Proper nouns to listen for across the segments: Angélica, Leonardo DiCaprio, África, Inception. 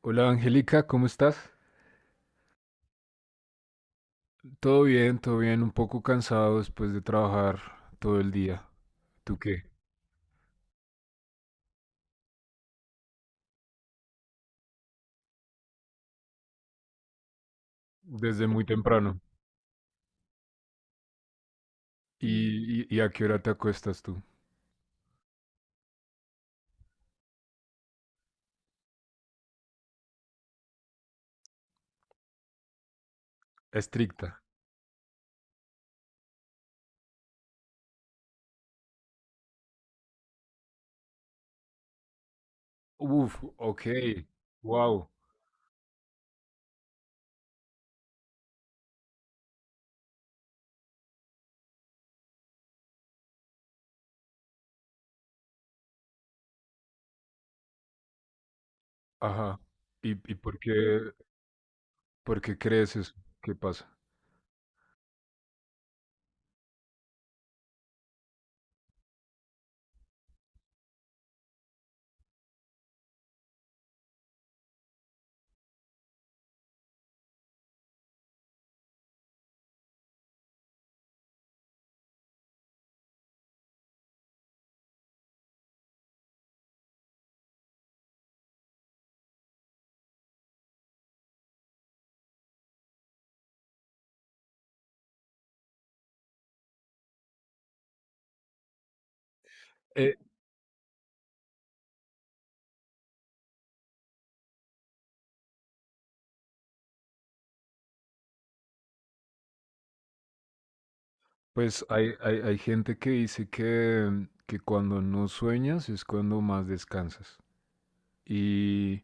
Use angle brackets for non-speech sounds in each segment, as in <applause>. Hola Angélica, ¿cómo estás? Todo bien, un poco cansado después de trabajar todo el día. ¿Tú qué? Desde muy temprano. ¿Y a qué hora te acuestas tú? Estricta. Uf, ok, wow, ajá. ¿Y por qué crees eso? ¿Qué pasa? Eh, pues hay gente que dice que cuando no sueñas es cuando más descansas. Y,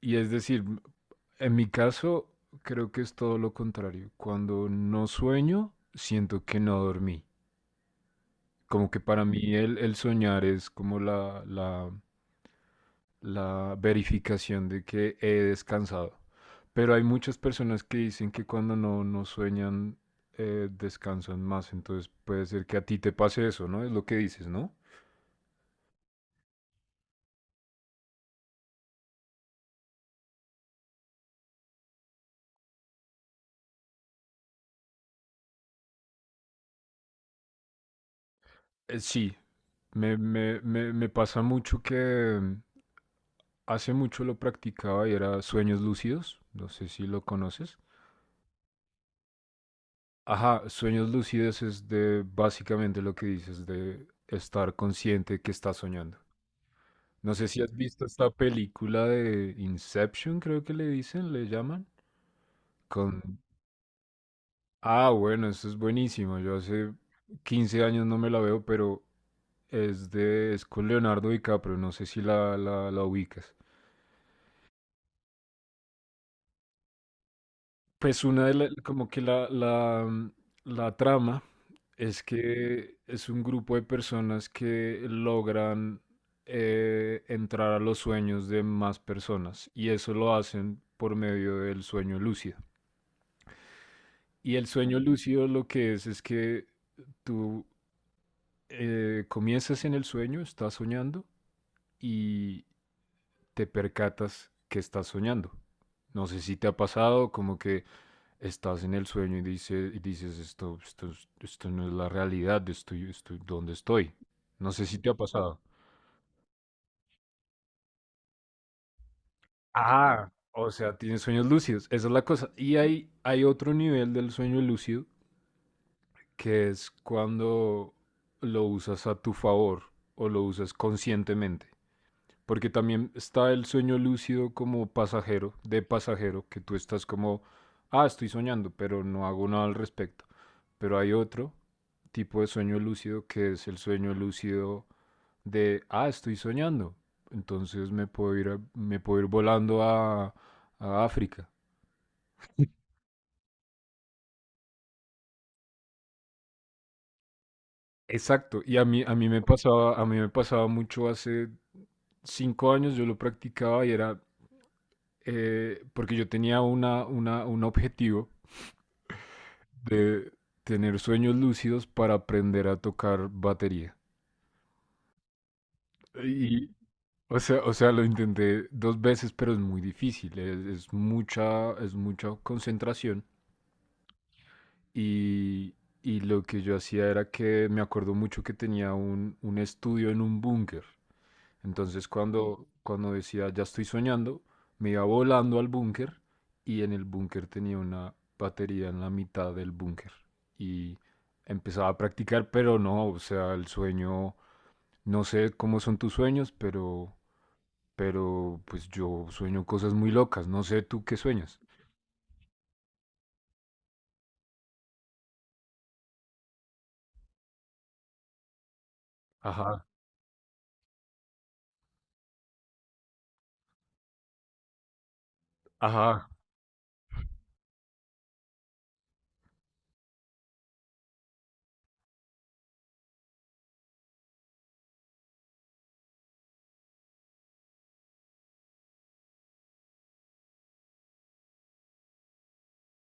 Y es decir, en mi caso creo que es todo lo contrario. Cuando no sueño, siento que no dormí. Como que para mí el soñar es como la verificación de que he descansado. Pero hay muchas personas que dicen que cuando no sueñan, descansan más. Entonces puede ser que a ti te pase eso, ¿no? Es lo que dices, ¿no? Sí, me pasa mucho Hace mucho lo practicaba y era sueños lúcidos, no sé si lo conoces. Ajá, sueños lúcidos es de básicamente lo que dices de estar consciente que estás soñando. No sé si has visto esta película de Inception, creo que le dicen, le llaman, con... Ah, bueno, eso es buenísimo. Yo hace 15 años no me la veo, pero es con Leonardo DiCaprio, no sé si la ubicas. Pues como que la trama es que es un grupo de personas que logran entrar a los sueños de más personas y eso lo hacen por medio del sueño lúcido. Y el sueño lúcido lo que es que tú comienzas en el sueño, estás soñando y te percatas que estás soñando. No sé si te ha pasado, como que estás en el sueño y dices, esto no es la realidad, ¿dónde estoy? No sé si te ha pasado. Ah, o sea, tienes sueños lúcidos, esa es la cosa. Y hay otro nivel del sueño lúcido, que es cuando lo usas a tu favor o lo usas conscientemente. Porque también está el sueño lúcido como pasajero, de pasajero, que tú estás como, ah, estoy soñando, pero no hago nada al respecto. Pero hay otro tipo de sueño lúcido que es el sueño lúcido de, ah, estoy soñando. Entonces me puedo ir volando a África. Exacto. Y a mí me pasaba mucho hace 5 años, yo lo practicaba y porque yo tenía un objetivo de tener sueños lúcidos para aprender a tocar batería. Y, o sea, lo intenté 2 veces, pero es muy difícil. Es mucha concentración Y, y lo que yo hacía era que me acuerdo mucho que tenía un estudio en un búnker. Entonces cuando decía, ya estoy soñando, me iba volando al búnker y en el búnker tenía una batería en la mitad del búnker. Y empezaba a practicar, pero no, o sea, el sueño, no sé cómo son tus sueños, pero pues yo sueño cosas muy locas, no sé tú qué sueñas. Ajá, ajá,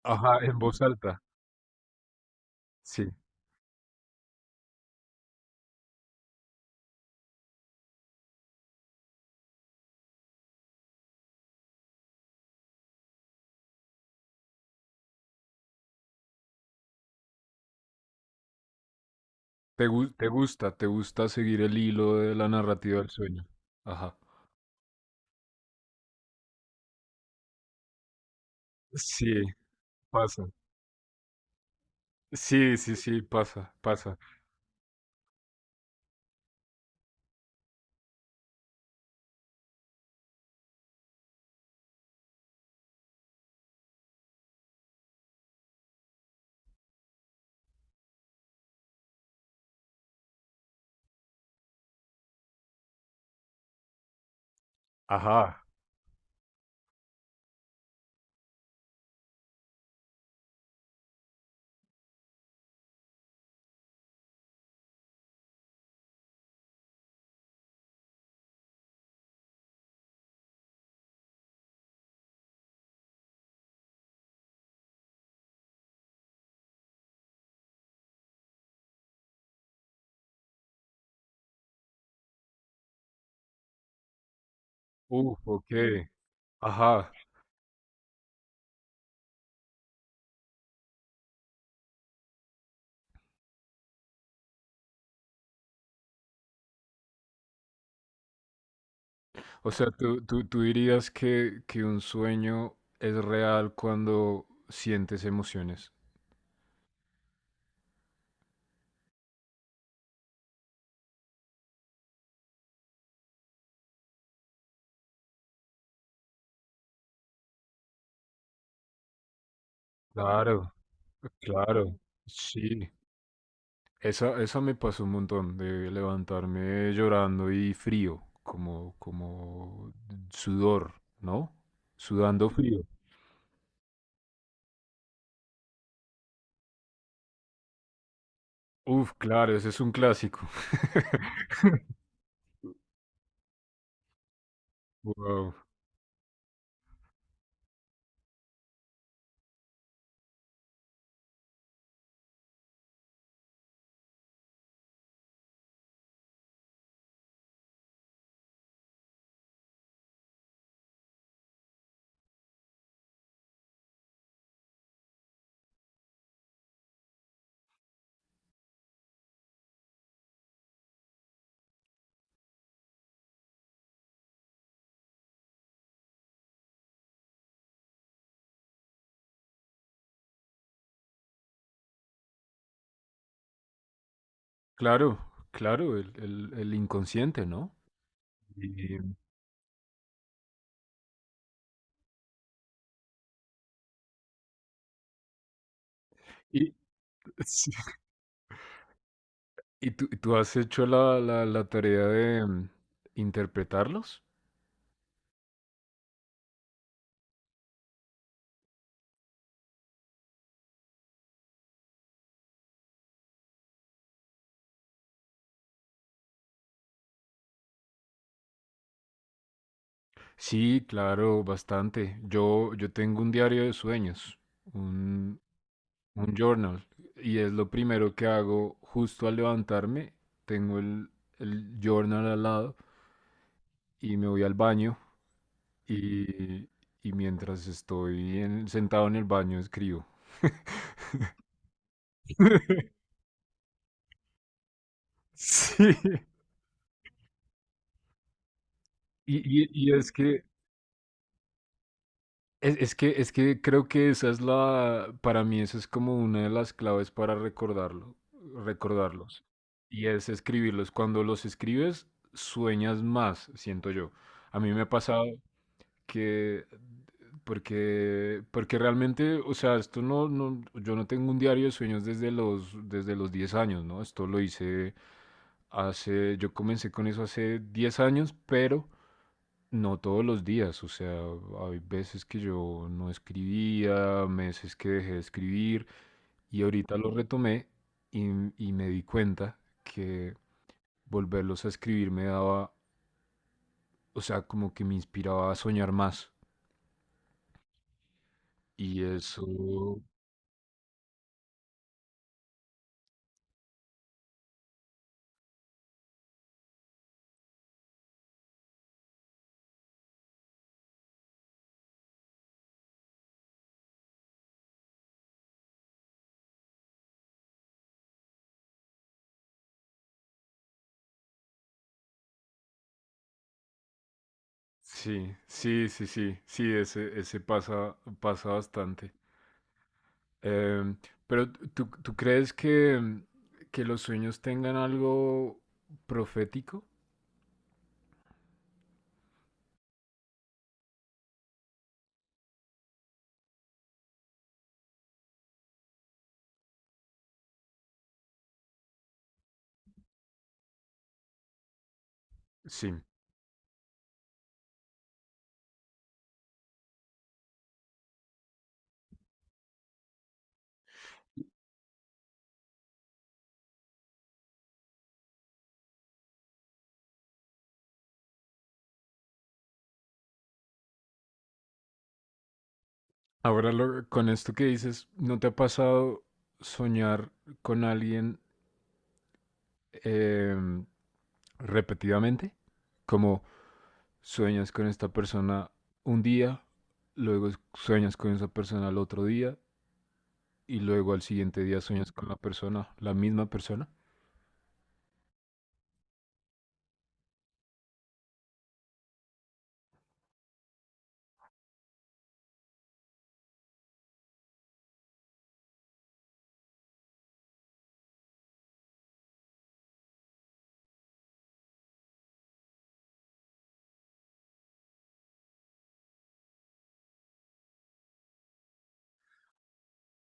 ajá, en voz alta. Sí. ¿Te gusta? ¿Te gusta seguir el hilo de la narrativa del sueño? Ajá. Sí, pasa. Sí, sí, sí, pasa, pasa. Ajá. Uf, ok. Ajá. O sea, tú dirías que un sueño es real cuando sientes emociones. Claro, claro. Sí. Esa me pasó un montón de levantarme llorando y frío, como sudor, ¿no? Sudando frío. Uf, claro, ese es un clásico. <laughs> Wow, claro, claro, el inconsciente, ¿no? Y, y- sí. ¿Y tú has hecho la tarea de interpretarlos? Sí, claro, bastante. Yo tengo un diario de sueños, un, un journal, y es lo primero que hago justo al levantarme. Tengo el journal al lado y me voy al baño y, y mientras sentado en el baño escribo. <laughs> Sí. Y es que creo que para mí esa es como una de las claves para recordarlos. Y es escribirlos. Cuando los escribes, sueñas más, siento yo. A mí me ha pasado que, porque realmente, o sea, esto yo no tengo un diario de sueños desde los 10 años, ¿no? Esto lo hice. Yo comencé con eso hace 10 años, pero no todos los días. O sea, hay veces que yo no escribía, meses que dejé de escribir y ahorita lo retomé y, y me di cuenta que volverlos a escribir me daba, o sea, como que me inspiraba a soñar más. Y eso, sí, sí, sí, sí, sí, ese pasa, pasa bastante. Em, pero ¿tú crees que los sueños tengan algo profético? Sí. Ahora con esto que dices, ¿no te ha pasado soñar con alguien em, repetidamente? Como sueñas con esta persona un día, luego sueñas con esa persona al otro día y luego al siguiente día sueñas con la misma persona.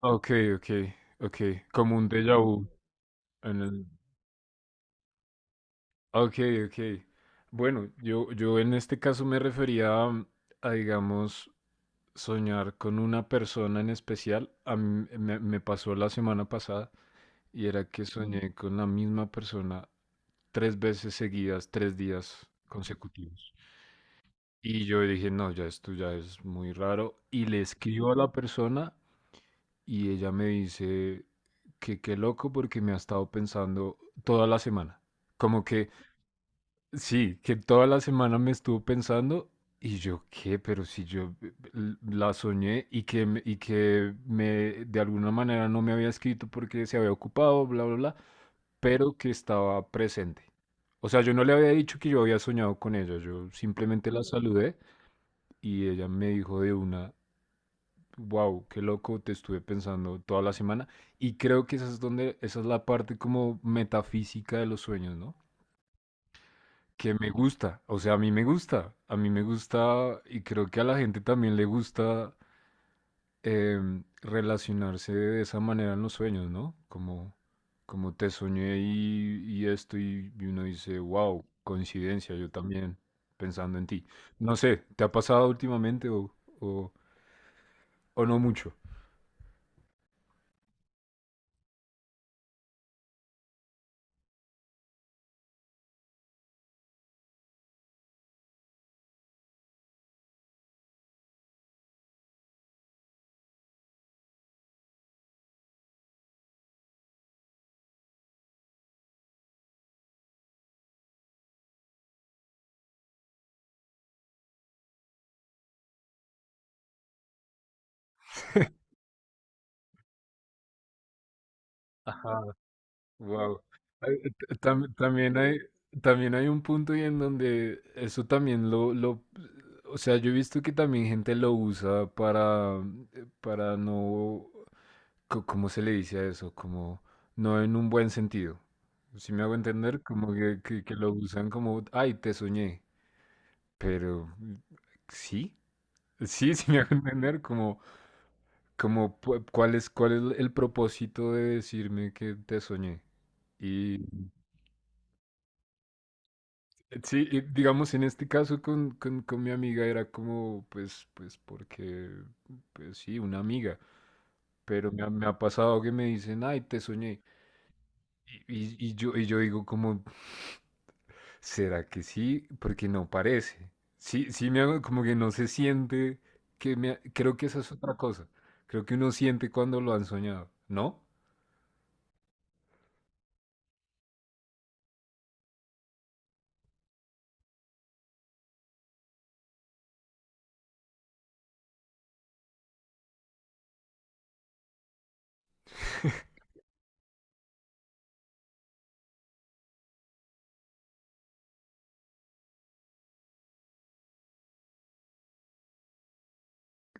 Ok, ok, ok. Como un déjà vu en el... Ok, ok. Bueno, yo en este caso me refería a, digamos, soñar con una persona en especial. A mí me pasó la semana pasada y era que soñé con la misma persona 3 veces seguidas, 3 días consecutivos. Y yo dije, no, ya esto ya es muy raro. Y le escribo a la persona y ella me dice que qué loco porque me ha estado pensando toda la semana. Como que... Sí, que toda la semana me estuvo pensando y yo qué, pero si yo la soñé y que me de alguna manera no me había escrito porque se había ocupado, bla, bla, bla, pero que estaba presente. O sea, yo no le había dicho que yo había soñado con ella, yo simplemente la saludé y ella me dijo de una, wow, qué loco, te estuve pensando toda la semana y creo que esa es la parte como metafísica de los sueños, ¿no? Que me gusta, o sea, a mí me gusta, a mí me gusta y creo que a la gente también le gusta relacionarse de esa manera en los sueños, ¿no? Como te soñé y esto y uno dice, wow, coincidencia, yo también pensando en ti. No sé, ¿te ha pasado últimamente o, o no mucho? Ajá. Wow. también hay, también hay un punto y en donde eso también o sea, yo he visto que también gente lo para no, co- ¿cómo se le dice a eso? Como no en un buen sentido. Si me hago entender, como que lo usan como, ay, te soñé. Pero, sí, sí, <laughs> sí me hago entender, ¿cuál es el propósito de decirme que te soñé? Sí, y digamos en este caso con mi amiga era como, pues porque, pues sí, una amiga, pero me ha pasado que me dicen, ay, te soñé. Y yo digo como, ¿será que sí? Porque no parece. Sí, sí, me hago como que no se siente Creo que esa es otra cosa. Creo que uno siente cuando lo han soñado, ¿no?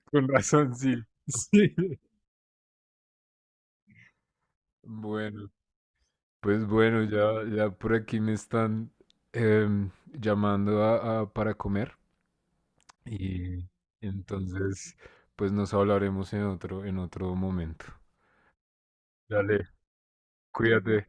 Con razón, sí. <laughs> Sí. Bueno. Pues bueno, ya por aquí me están llamando para comer y entonces pues nos hablaremos en otro momento. Dale, cuídate.